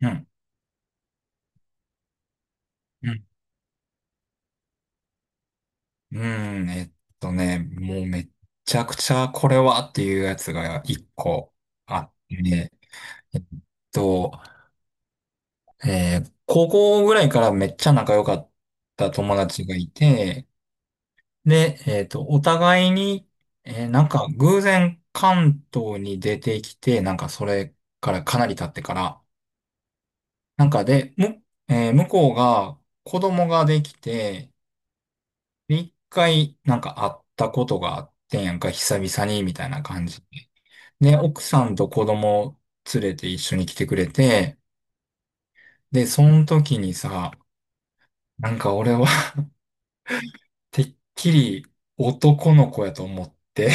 うん。うん。うん。もうめっちゃくちゃこれはっていうやつが一個あってね。えっと、高校ぐらいからめっちゃ仲良かった友達がいて、で、お互いに、なんか偶然関東に出てきて、なんかそれからかなり経ってから、なんかで、向こうが子供ができて、一回、なんか会ったことがあってんやんか、久々に、みたいな感じで。で、奥さんと子供連れて一緒に来てくれて、で、その時にさ、なんか俺は てっきり男の子やと思って、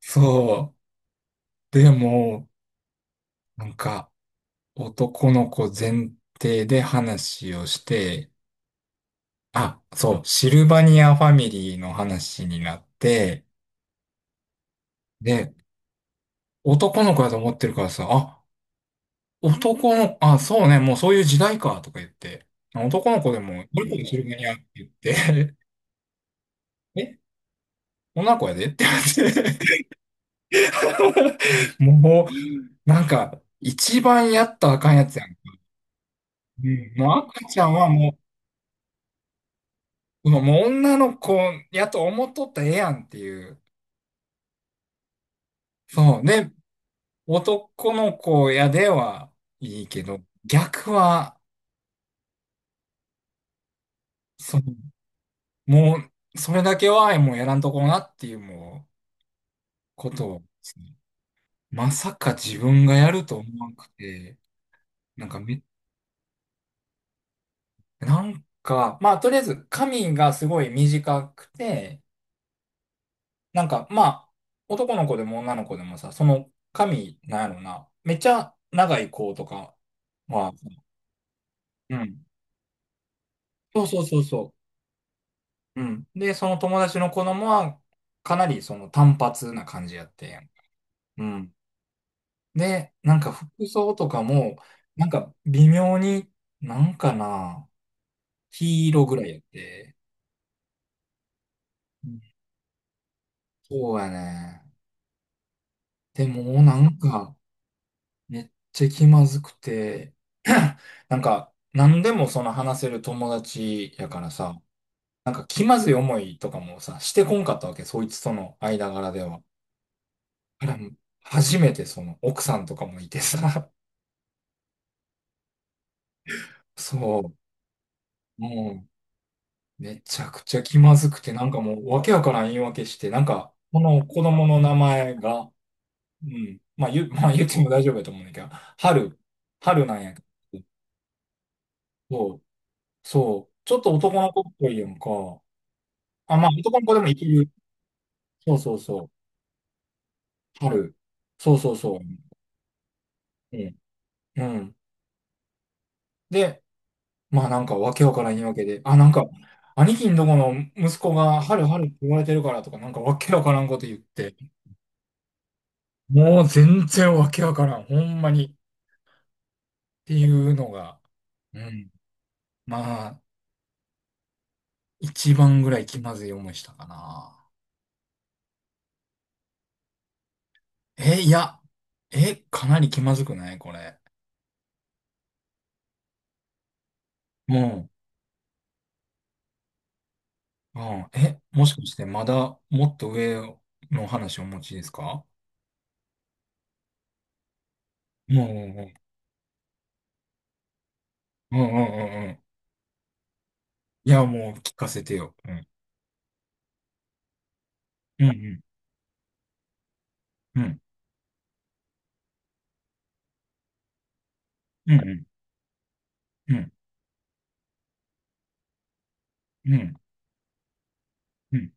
そう。でも、なんか男の子前提で話をして、あ、そう、シルバニアファミリーの話になって、で、男の子やと思ってるからさ、あ男の、あ、そうね、もうそういう時代か、とか言って、男の子でも、どれこれするにゃって言って、え、女の子やでって言われて、もう、なんか、一番やったらあかんやつやん。うん、もう赤ちゃんはもう女の子やと思っとったらええやんっていう。そう。で、男の子やではいいけど、逆は、そう、もう、それだけはもうやらんとこなっていう、もう、ことを。まさか自分がやると思わなくて、なんかめ、なんか、まあとりあえず髪がすごい短くて、なんかまあ男の子でも女の子でもさ、その髪、なんやろな、めっちゃ長い子とかは、うん。そうそうそうそう。うん。で、その友達の子供はかなりその単発な感じやってん。うん。で、なんか服装とかも、なんか微妙に、なんかな、黄色ぐらいやって。そうやね。でも、なんか、めっちゃ気まずくて、なんか、何でもその話せる友達やからさ、なんか気まずい思いとかもさ、してこんかったわけ、そいつとの間柄では。あら、初めてその奥さんとかもいてさ、そう、もう、めちゃくちゃ気まずくて、なんかもう、わけわからん言い訳して、なんか、この子供の名前が、うん、まあ言う、まあ言っても大丈夫やと思うんだけど、春、春なんやけど、そうそう。ちょっと男の子っぽいやんか。あ、まあ男の子でもいける。そうそうそう。春。そうそうそう。うん。うん。で、まあなんかわけわからん言い訳で。あ、なんか、兄貴んとこの息子が春春って言われてるからとか、なんかわけわからんこと言って。もう全然わけわからん。ほんまに。っていうのが、うん。まあ、一番ぐらい気まずい思いしたかな。え、いや。え、かなり気まずくないこれ？うん。ああ、え、もしかしてまだもっと上の話をお持ちですか？うんうんうん。うんうんうんうん。いや、もう聞かせてよ。うん。うんうん。うん。うん。うん。うん。うん。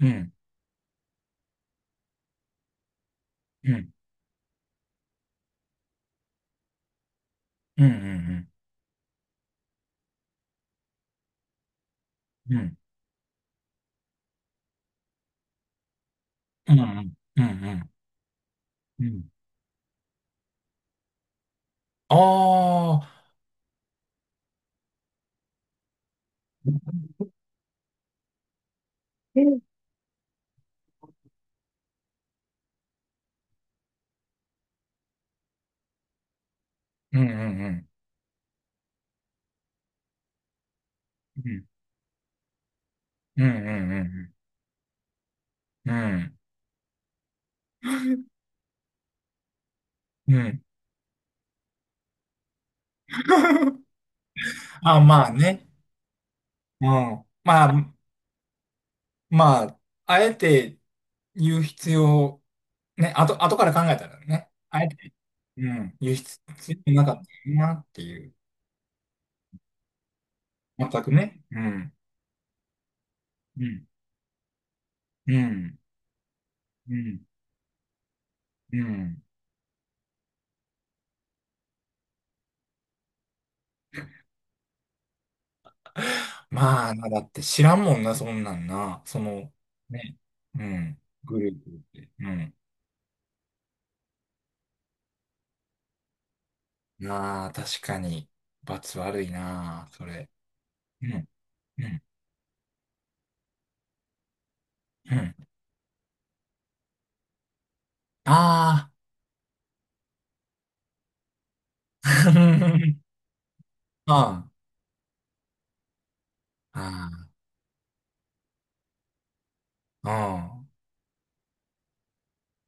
うん。うん。うん。うん。うん。うん。うん。うん。うん。ああ。うんうんうん。うんうんうんうん。うん。うん。あ、まあね。うん。まあ、まあ、あえて言う必要ね、後から考えたらね、あえて、うん、輸出ついてなかったなっていう。全くね。うん。うん。うん。うん。うん。まあな、だって知らんもんな、そんなんな。その、ね。うん。グループって。うん。なあ、確かに、罰悪いなあ、それ。うん。うん。うん。ああ。ああ。ああ。うん。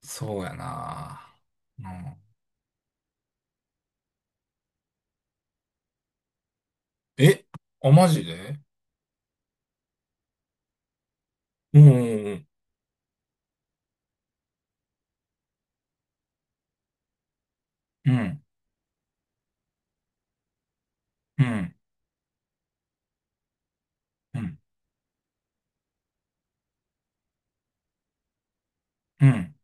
そうやなあ。うん。え、あ、マジで？うん。うんうん、うん、うん、うん、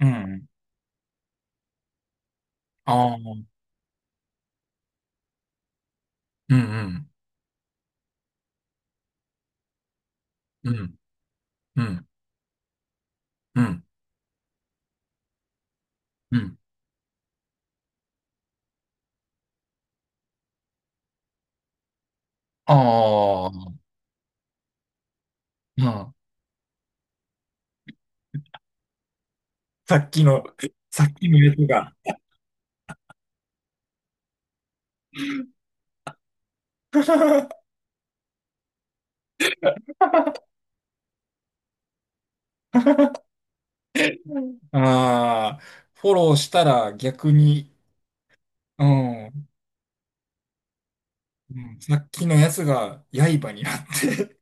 うん、ああうん。ああ、うんうんうんああ、うん。さっきの、さっきのやつが。ああ、フォローしたら逆に、うん、うんさっきのやつが刃になって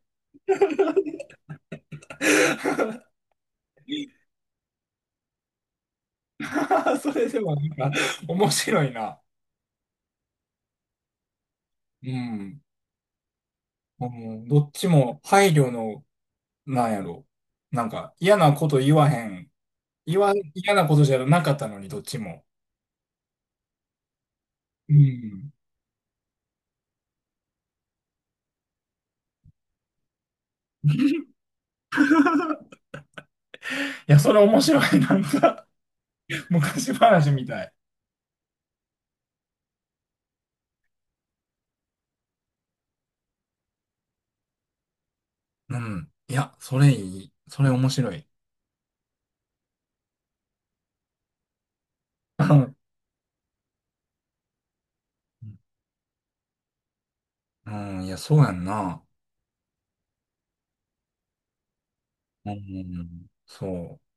それでもなんか面白いな。うん。うんどっちも配慮のなんやろ。なんか、嫌なこと言わへん。嫌なことじゃなかったのに、どっちも。うん。いや、それ面白い。なんか、昔話みたい。うん。いや、それいい。それ面白い。うんうん、いや、そうやんな。うん、そう。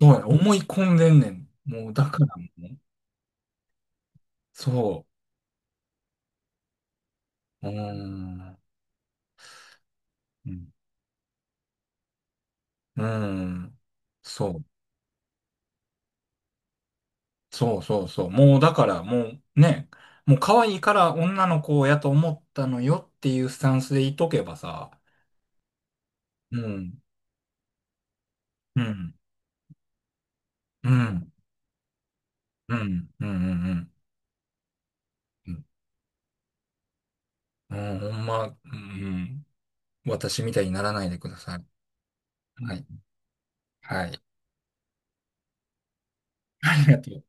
そうや、思い込んでんねん。もう、だからね。そう。うん。うん。そう。そうそうそう。もうだからもうね、もう可愛いから女の子やと思ったのよっていうスタンスでいとけばさ、うん、うん、うん、うん、うん、うん、うん、うんんほんま、うん、私みたいにならないでください。はい。はい。ありがとう。